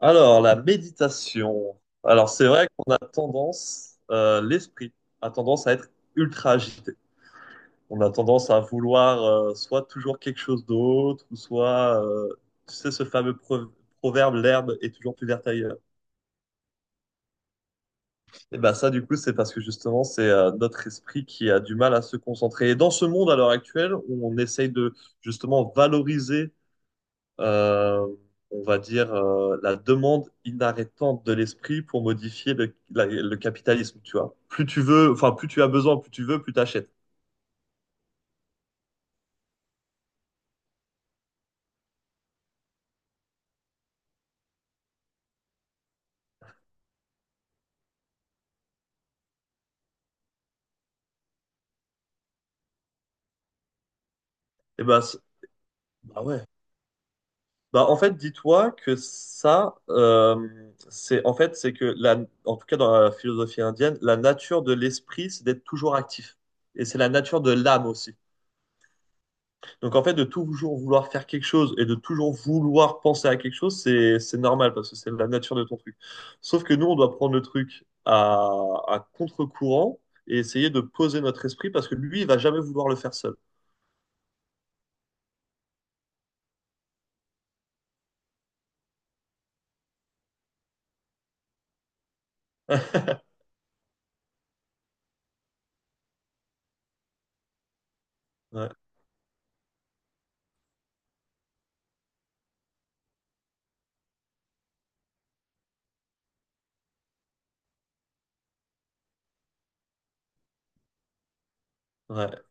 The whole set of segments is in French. Alors, la méditation. Alors, c'est vrai qu'on a tendance, l'esprit a tendance à être ultra agité. On a tendance à vouloir soit toujours quelque chose d'autre, ou soit, tu sais, ce fameux proverbe, l'herbe est toujours plus verte ailleurs. Et ben ça, du coup, c'est parce que justement, c'est notre esprit qui a du mal à se concentrer. Et dans ce monde, à l'heure actuelle, où on essaye de justement valoriser euh, on va dire, la demande inarrêtante de l'esprit pour modifier le capitalisme, tu vois. Plus tu veux, enfin, plus tu as besoin, plus tu veux, plus tu achètes. Et ben, c'est- Bah ouais. Bah, en fait, dis-toi que ça, c'est que en tout cas dans la philosophie indienne, la nature de l'esprit, c'est d'être toujours actif. Et c'est la nature de l'âme aussi. Donc en fait, de toujours vouloir faire quelque chose et de toujours vouloir penser à quelque chose, c'est normal parce que c'est la nature de ton truc. Sauf que nous, on doit prendre à contre-courant et essayer de poser notre esprit parce que lui, il va jamais vouloir le faire seul. Ouais, ouais.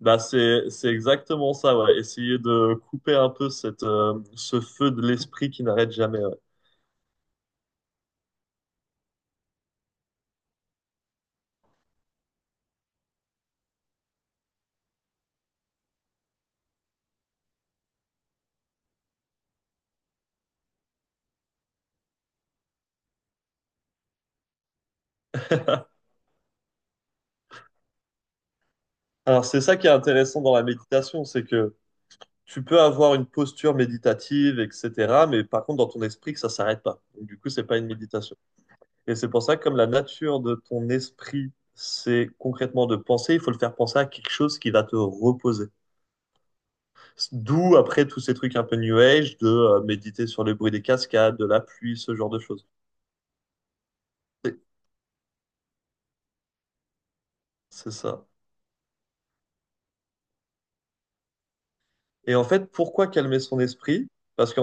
Bah c'est exactement ça. Ouais. Essayer de couper un peu cette ce feu de l'esprit qui n'arrête jamais. Ouais. Alors c'est ça qui est intéressant dans la méditation, c'est que tu peux avoir une posture méditative, etc. Mais par contre, dans ton esprit, que ça s'arrête pas. Donc, du coup, c'est pas une méditation. Et c'est pour ça que comme la nature de ton esprit, c'est concrètement de penser, il faut le faire penser à quelque chose qui va te reposer. D'où après tous ces trucs un peu new age de méditer sur le bruit des cascades, de la pluie, ce genre de choses. C'est c'est ça. Et en fait, pourquoi calmer son esprit? Parce que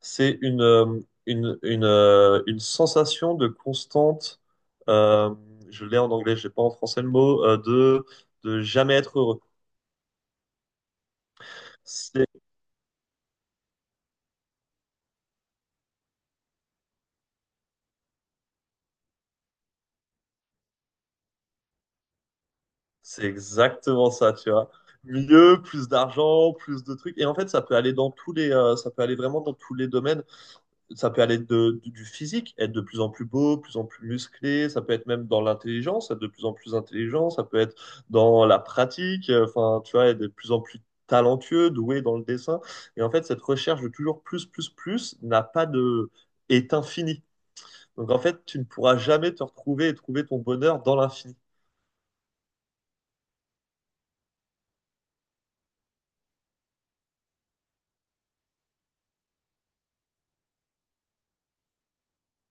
c'est une sensation de constante, euh, je l'ai en anglais, je n'ai pas en français le mot, de jamais être heureux. C'est, c'est exactement ça, tu vois. Mieux, plus d'argent, plus de trucs. Et en fait, ça peut aller dans ça peut aller vraiment dans tous les domaines. Ça peut aller du physique, être de plus en plus beau, de plus en plus musclé, ça peut être même dans l'intelligence, être de plus en plus intelligent, ça peut être dans la pratique, enfin, tu vois, être de plus en plus talentueux, doué dans le dessin. Et en fait, cette recherche de toujours plus, plus, plus n'a pas de... est infinie. Donc en fait, tu ne pourras jamais te retrouver et trouver ton bonheur dans l'infini.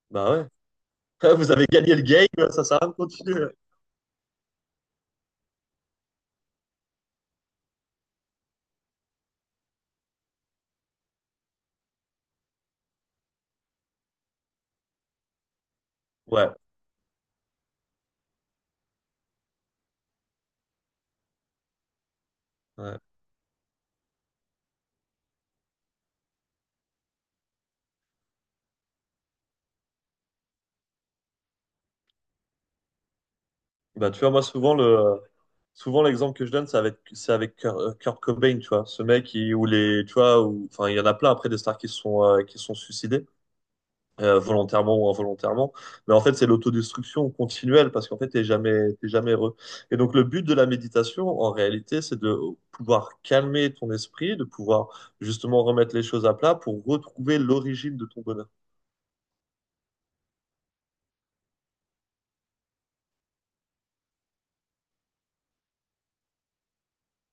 Bah ouais. Vous avez gagné le game, ça sert à rien de continuer. Ouais. Ouais. Bah, tu vois, moi, souvent, l'exemple que je donne, c'est avec Kurt Cobain, tu vois. Ce mec, qui- où les, tu vois, où, enfin, il y en a plein après des stars qui se sont suicidés, volontairement ou involontairement. Mais en fait, c'est l'autodestruction continuelle parce qu'en fait, t'es jamais heureux. Et donc, le but de la méditation, en réalité, c'est de pouvoir calmer ton esprit, de pouvoir justement remettre les choses à plat pour retrouver l'origine de ton bonheur.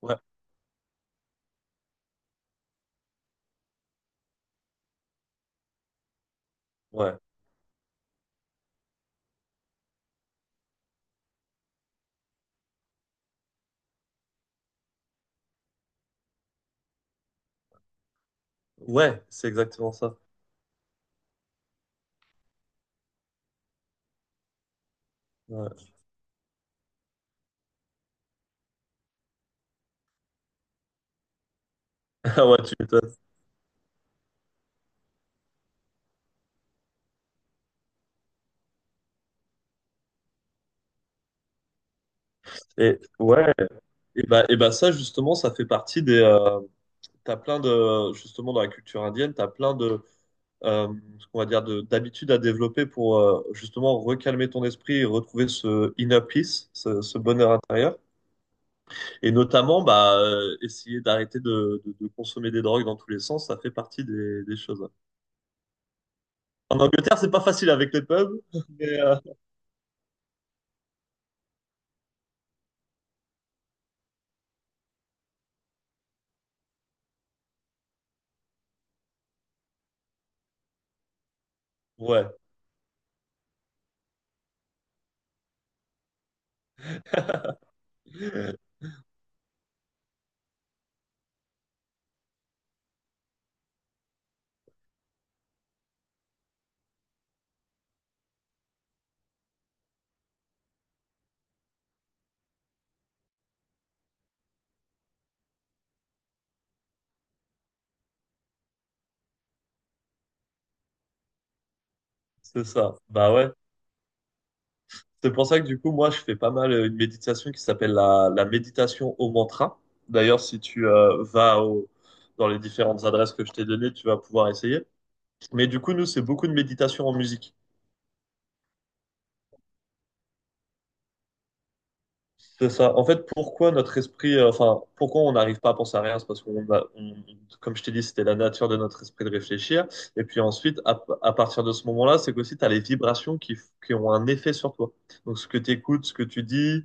Ouais, ouais, ouais, c'est exactement ça. Ouais, ouais, tu m'étonnes. Et ouais, et bah ça justement, ça fait partie des. T'as plein de justement dans la culture indienne, t'as plein de ce qu'on va dire de d'habitudes à développer pour justement recalmer ton esprit et retrouver ce inner peace, ce bonheur intérieur. Et notamment, essayer d'arrêter de consommer des drogues dans tous les sens, ça fait partie des choses. En Angleterre, c'est pas facile avec les pubs, mais ouais, c'est ça. Bah ouais. C'est pour ça que du coup, moi, je fais pas mal une méditation qui s'appelle la méditation au mantra. D'ailleurs, si tu dans les différentes adresses que je t'ai données, tu vas pouvoir essayer. Mais du coup, nous, c'est beaucoup de méditation en musique. C'est ça. En fait, enfin, pourquoi on n'arrive pas à penser à rien, c'est parce comme je t'ai dit, c'était la nature de notre esprit de réfléchir. Et puis ensuite, à partir de ce moment-là, c'est qu'aussi, tu as les vibrations qui ont un effet sur toi. Donc, ce que tu écoutes, ce que tu dis,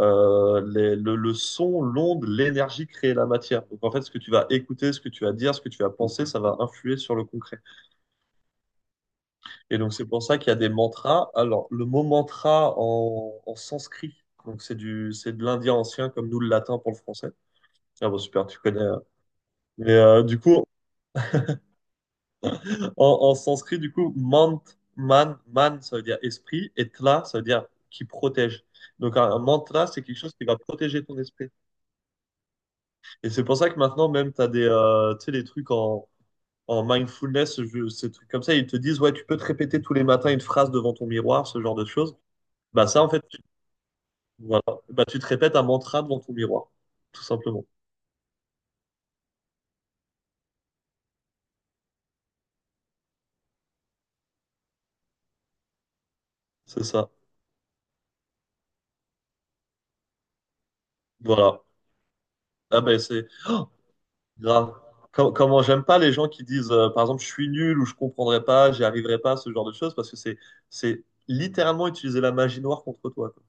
le son, l'onde, l'énergie crée la matière. Donc en fait, ce que tu vas écouter, ce que tu vas dire, ce que tu vas penser, ça va influer sur le concret. Et donc c'est pour ça qu'il y a des mantras. Alors le mot mantra en sanskrit, donc c'est de l'indien ancien comme nous le latin pour le français. Ah bon super, tu connais. Mais du coup, en, en sanskrit, du coup, man, ça veut dire esprit, et tla, ça veut dire qui protège. Donc un mantra, c'est quelque chose qui va protéger ton esprit. Et c'est pour ça que maintenant, même, tu as tu sais, des trucs en mindfulness, ces trucs comme ça, ils te disent, ouais, tu peux te répéter tous les matins une phrase devant ton miroir, ce genre de choses. Bah ça, en fait, tu, voilà. Bah, tu te répètes un mantra devant ton miroir, tout simplement. C'est ça. Voilà. Ah ben c'est Oh, grave. Comment j'aime pas les gens qui disent, par exemple, je suis nul ou je comprendrai pas, j'y arriverai pas, ce genre de choses, parce que c'est littéralement utiliser la magie noire contre toi. Quoi.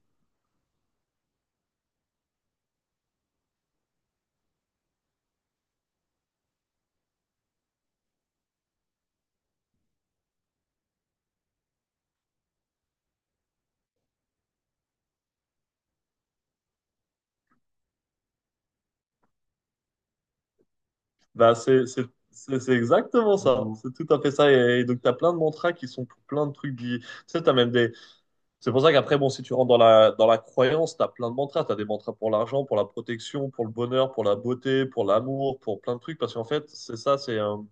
Bah c'est exactement ça. C'est tout à fait ça. Et donc t'as plein de mantras qui sont pour plein de trucs. Tu sais, t'as même des... C'est pour ça qu'après, bon, si tu rentres dans dans la croyance, tu as plein de mantras. Tu as des mantras pour l'argent, pour la protection, pour le bonheur, pour la beauté, pour l'amour, pour plein de trucs. Parce qu'en fait, c'est ça, c'est un-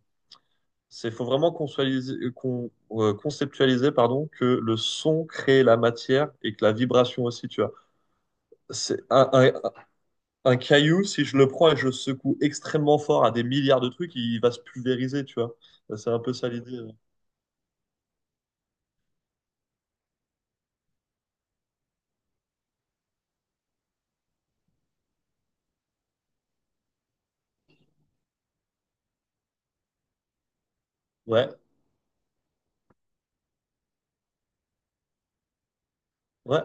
c'est faut vraiment conceptualiser, conceptualiser pardon, que le son crée la matière et que la vibration aussi, tu vois. C'est un caillou, si je le prends et je secoue extrêmement fort à des milliards de trucs, il va se pulvériser, tu vois. C'est un peu ça l'idée. Ouais, ouais,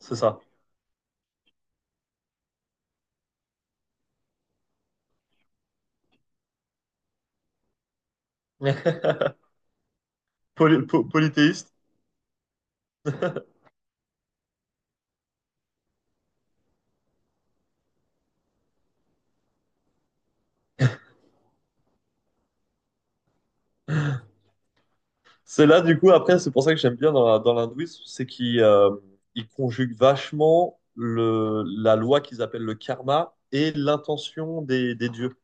c'est ça. Polythéiste. C'est là, du coup, après, c'est pour ça que j'aime bien dans l'hindouisme, c'est qu'ils ils conjuguent vachement la loi qu'ils appellent le karma et l'intention des dieux,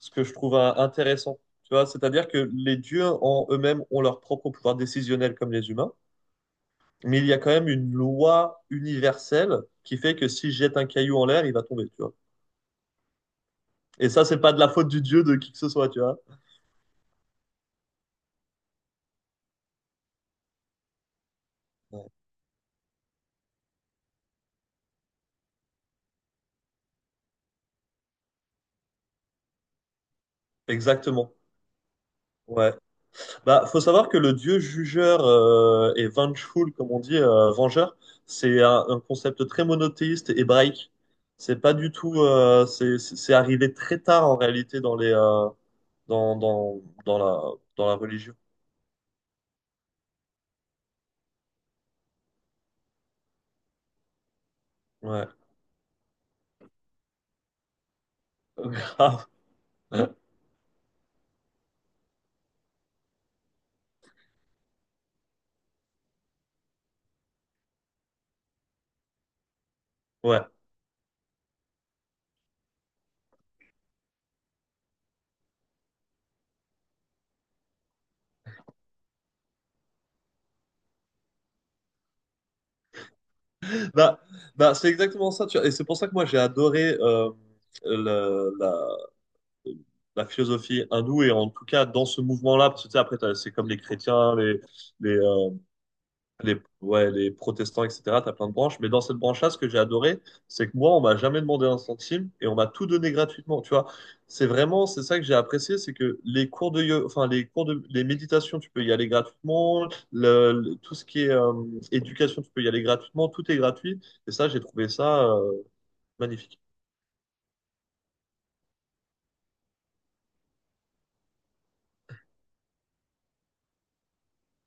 ce que je trouve intéressant. Tu vois, c'est-à-dire que les dieux en eux-mêmes ont leur propre pouvoir décisionnel comme les humains, mais il y a quand même une loi universelle qui fait que si je jette un caillou en l'air, il va tomber, tu vois. Et ça, c'est pas de la faute du dieu de qui que ce soit, tu vois. Ouais. Exactement. Ouais. Bah, faut savoir que le dieu jugeur et vengeful, comme on dit, vengeur, c'est un concept très monothéiste et hébraïque. C'est pas du tout, c'est arrivé très tard en réalité dans les dans la religion. Ouais, grave. Ouais. Bah bah c'est exactement ça. Tu vois. Et c'est pour ça que moi j'ai adoré la la philosophie hindoue et en tout cas dans ce mouvement-là, parce que tu sais, c'est comme les chrétiens, les euh, ouais, les protestants, etc. T'as plein de branches. Mais dans cette branche-là, ce que j'ai adoré, c'est que moi, on m'a jamais demandé un centime et on m'a tout donné gratuitement. Tu vois, c'est vraiment, c'est ça que j'ai apprécié, c'est que les cours enfin, les cours les méditations, tu peux y aller gratuitement. Tout ce qui est éducation, tu peux y aller gratuitement. Tout est gratuit. Et ça, j'ai trouvé ça magnifique.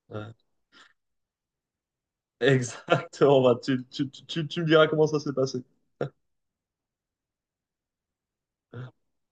Ouais. Exactement. Bah, tu me diras comment ça s'est passé.